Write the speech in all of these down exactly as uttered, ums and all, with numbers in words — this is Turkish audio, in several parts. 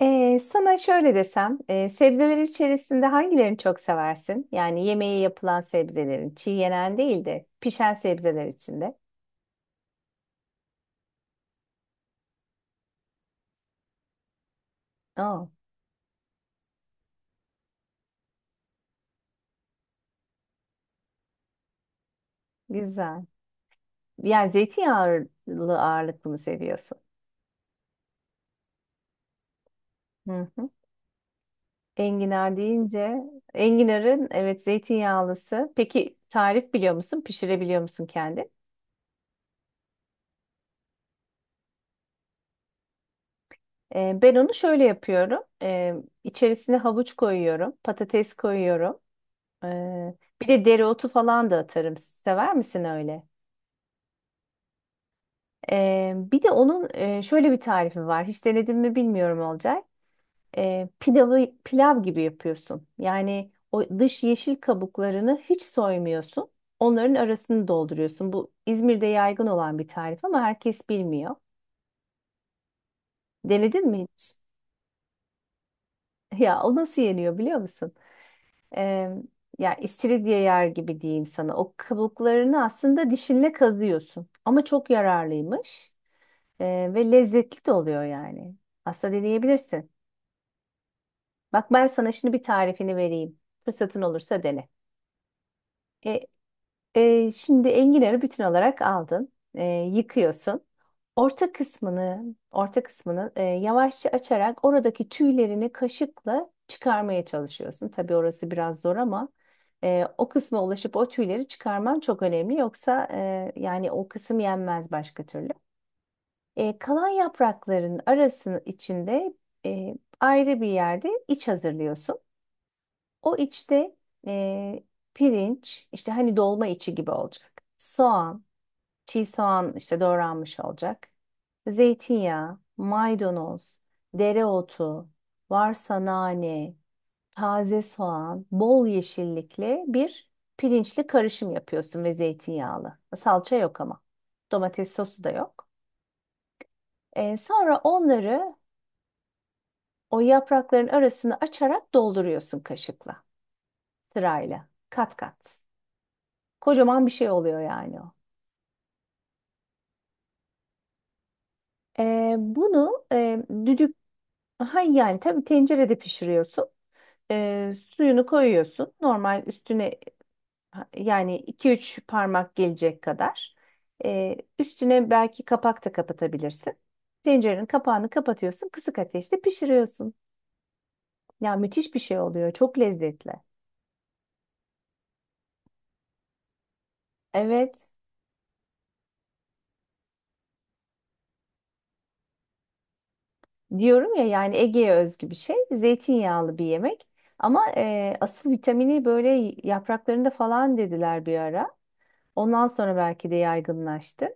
Ee, sana şöyle desem, e, sebzeler içerisinde hangilerini çok seversin? Yani yemeği yapılan sebzelerin, çiğ yenen değil de pişen sebzeler içinde. Aa, güzel. Yani zeytinyağlı ağırlıklı mı seviyorsun? Hı hı. Enginar deyince, enginarın evet zeytinyağlısı. Peki tarif biliyor musun? Pişirebiliyor musun kendin? Ee, ben onu şöyle yapıyorum. Ee, içerisine havuç koyuyorum, patates koyuyorum. Ee, Bir de dereotu falan da atarım. Sever misin öyle? Ee, bir de onun e, şöyle bir tarifi var. Hiç denedin mi bilmiyorum olacak. Pilavı pilav gibi yapıyorsun. Yani o dış yeşil kabuklarını hiç soymuyorsun. Onların arasını dolduruyorsun. Bu İzmir'de yaygın olan bir tarif ama herkes bilmiyor. Denedin mi hiç? Ya o nasıl yeniyor biliyor musun? Ee, Ya istiridye yer gibi diyeyim sana. O kabuklarını aslında dişinle kazıyorsun. Ama çok yararlıymış. Ee, Ve lezzetli de oluyor yani. Aslında deneyebilirsin. Bak ben sana şimdi bir tarifini vereyim. Fırsatın olursa dene. E, e, Şimdi enginarı bütün olarak aldın. E, yıkıyorsun. Orta kısmını, Orta kısmını e, yavaşça açarak oradaki tüylerini kaşıkla çıkarmaya çalışıyorsun. Tabii orası biraz zor ama e, o kısma ulaşıp o tüyleri çıkarman çok önemli. Yoksa e, yani o kısım yenmez başka türlü. E, kalan yaprakların arasının içinde e, ayrı bir yerde iç hazırlıyorsun. O içte e, pirinç, işte hani dolma içi gibi olacak. Soğan, çiğ soğan işte doğranmış olacak. Zeytinyağı, maydanoz, dereotu, varsa nane, taze soğan, bol yeşillikli bir pirinçli karışım yapıyorsun ve zeytinyağlı. Salça yok ama. Domates sosu da yok. E, sonra onları, o yaprakların arasını açarak dolduruyorsun kaşıkla sırayla kat kat. Kocaman bir şey oluyor yani o. Ee, bunu e, düdük ha yani tabii tencerede pişiriyorsun. Ee, suyunu koyuyorsun. Normal üstüne ha- yani iki üç parmak gelecek kadar. Ee, üstüne belki kapak da kapatabilirsin. Tencerenin kapağını kapatıyorsun. Kısık ateşte pişiriyorsun. Ya müthiş bir şey oluyor. Çok lezzetli. Evet. Diyorum ya yani Ege'ye özgü bir şey. Zeytinyağlı bir yemek. Ama e, asıl vitamini böyle yapraklarında falan dediler bir ara. Ondan sonra belki de yaygınlaştı.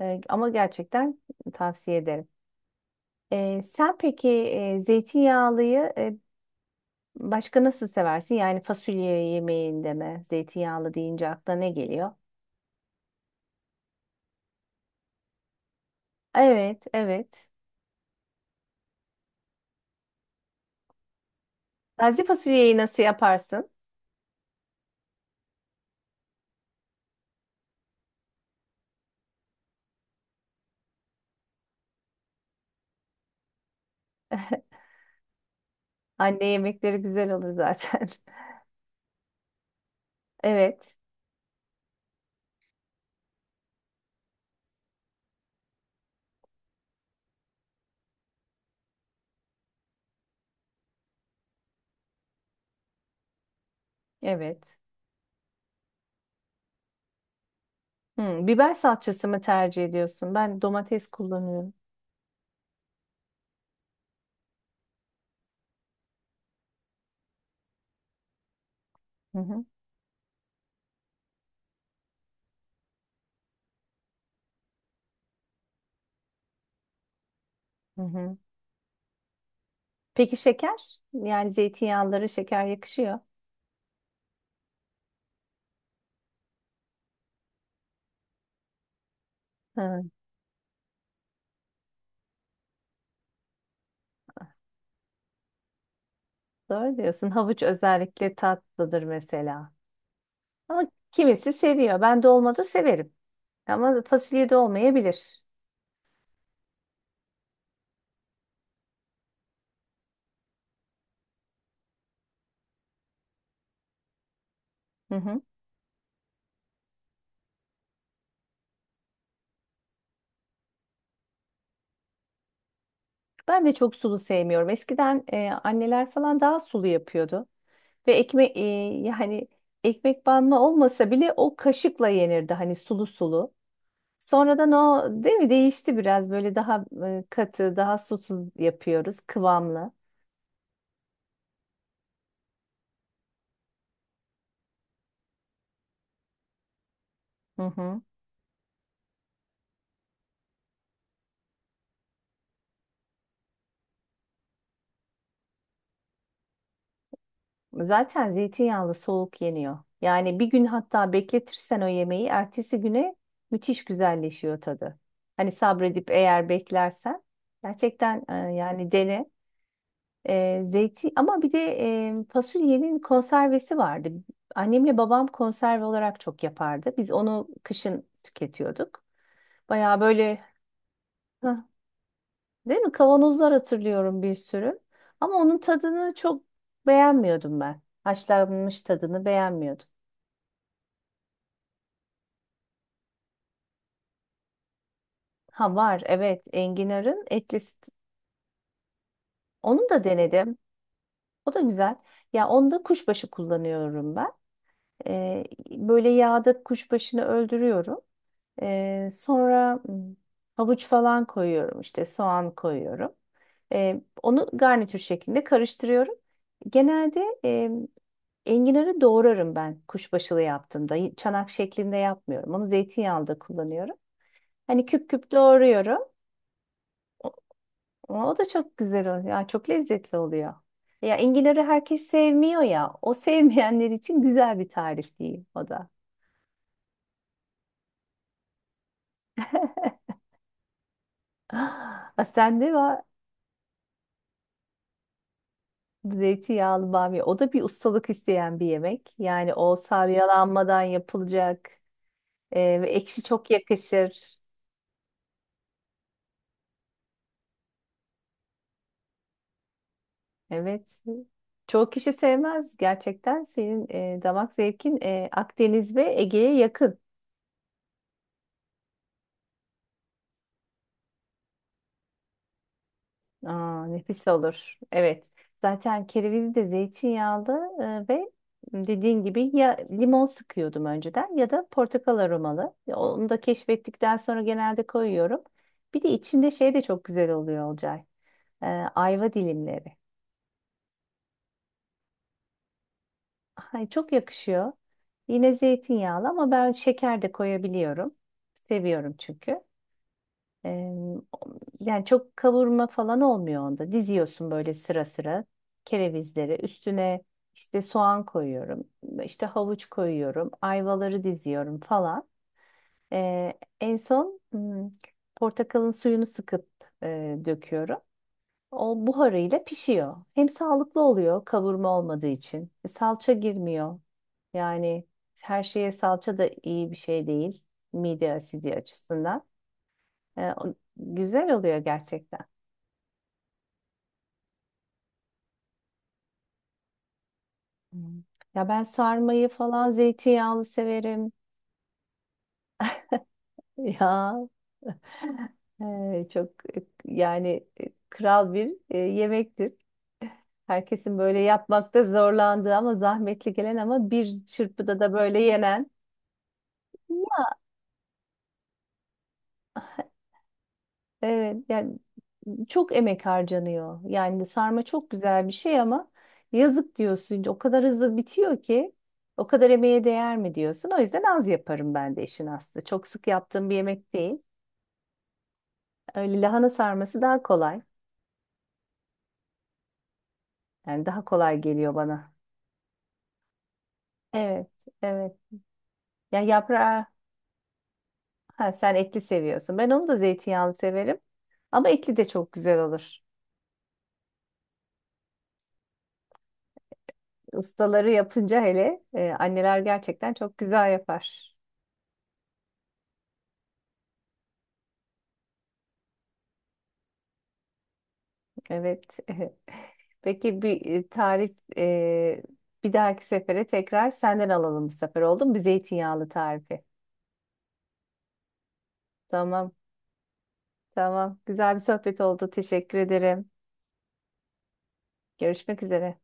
E, ama gerçekten tavsiye ederim. E, sen peki e, zeytinyağlıyı e, başka nasıl seversin? Yani fasulye yemeğinde mi? Zeytinyağlı deyince aklına ne geliyor? Evet, evet. Taze fasulyeyi nasıl yaparsın? Anne yemekleri güzel olur zaten. Evet, evet. Hmm, biber salçası mı tercih ediyorsun? Ben domates kullanıyorum. Hı hı, hı hı. Peki şeker? Yani zeytinyağları şeker yakışıyor. Hı, doğru diyorsun. Havuç özellikle tatlıdır mesela. Ama kimisi seviyor. Ben dolmada severim. Ama fasulye de olmayabilir. Hı hı. Ben de çok sulu sevmiyorum. Eskiden e, anneler falan daha sulu yapıyordu. Ve ekmek yani ekmek banma olmasa bile o kaşıkla yenirdi. Hani sulu sulu. Sonradan o değil mi değişti biraz böyle daha e, katı, daha susuz yapıyoruz, kıvamlı. Hı hı. Zaten zeytinyağlı soğuk yeniyor. Yani bir gün hatta bekletirsen o yemeği ertesi güne müthiş güzelleşiyor tadı. Hani sabredip eğer beklersen gerçekten e, yani dene. E, zeyti Ama bir de e, fasulyenin konservesi vardı. Annemle babam konserve olarak çok yapardı. Biz onu kışın tüketiyorduk. Bayağı böyle değil mi? Kavanozlar hatırlıyorum bir sürü. Ama onun tadını çok beğenmiyordum ben. Haşlanmış tadını beğenmiyordum. Ha var evet enginarın etlisi. Onu da denedim. O da güzel. Ya onda kuşbaşı kullanıyorum ben. Ee, Böyle yağda kuşbaşını öldürüyorum. Ee, sonra hmm, havuç falan koyuyorum işte soğan koyuyorum. Ee, onu garnitür şeklinde karıştırıyorum. Genelde enginarı doğrarım ben kuşbaşılı yaptığımda. Y- Çanak şeklinde yapmıyorum. Onu zeytinyağında kullanıyorum. Hani küp küp doğruyorum. Ama o da çok güzel oluyor. Ya çok lezzetli oluyor. Ya enginarı herkes sevmiyor ya. O sevmeyenler için güzel bir tarif değil o da. Ah, sende var zeytinyağlı bamya. O da bir ustalık isteyen bir yemek. Yani o salyalanmadan yapılacak. Ee, ve ekşi çok yakışır. Evet. Çoğu kişi sevmez gerçekten. Senin e, damak zevkin e, Akdeniz ve Ege'ye yakın. Aa, nefis olur. Evet. Zaten kerevizi de zeytinyağlı e, ve dediğin gibi ya limon sıkıyordum önceden ya da portakal aromalı. Ya onu da keşfettikten sonra genelde koyuyorum. Bir de içinde şey de çok güzel oluyor Olcay. E, Ayva dilimleri. Ay, çok yakışıyor. Yine zeytinyağlı ama ben şeker de koyabiliyorum. Seviyorum çünkü. Ee, Yani çok kavurma falan olmuyor onda. Diziyorsun böyle sıra sıra kerevizleri. Üstüne işte soğan koyuyorum. İşte havuç koyuyorum. Ayvaları diziyorum falan. Ee, En son hmm, portakalın suyunu sıkıp e, döküyorum. O buharıyla pişiyor. Hem sağlıklı oluyor kavurma olmadığı için. E, salça girmiyor. Yani her şeye salça da iyi bir şey değil. Mide asidi açısından. E, o- güzel oluyor gerçekten. Hı. Ya ben sarmayı falan zeytinyağlı severim. Ya e, çok e, yani e, kral bir e, yemektir. Herkesin böyle yapmakta zorlandığı ama zahmetli gelen ama bir çırpıda da böyle yenen. Evet, yani çok emek harcanıyor. Yani sarma çok güzel bir şey ama yazık diyorsun. O kadar hızlı bitiyor ki o kadar emeğe değer mi diyorsun. O yüzden az yaparım ben de işin aslı. Çok sık yaptığım bir yemek değil. Öyle lahana sarması daha kolay. Yani daha kolay geliyor bana. Evet, evet. Ya yaprağı ha, sen etli seviyorsun. Ben onu da zeytinyağlı severim. Ama etli de çok güzel olur. Ustaları yapınca hele e, anneler gerçekten çok güzel yapar. Evet. Peki bir e, tarif, e, bir dahaki sefere tekrar senden alalım bu sefer oldu mu? Bir zeytinyağlı tarifi. Tamam, tamam. Güzel bir sohbet oldu. Teşekkür ederim. Görüşmek üzere.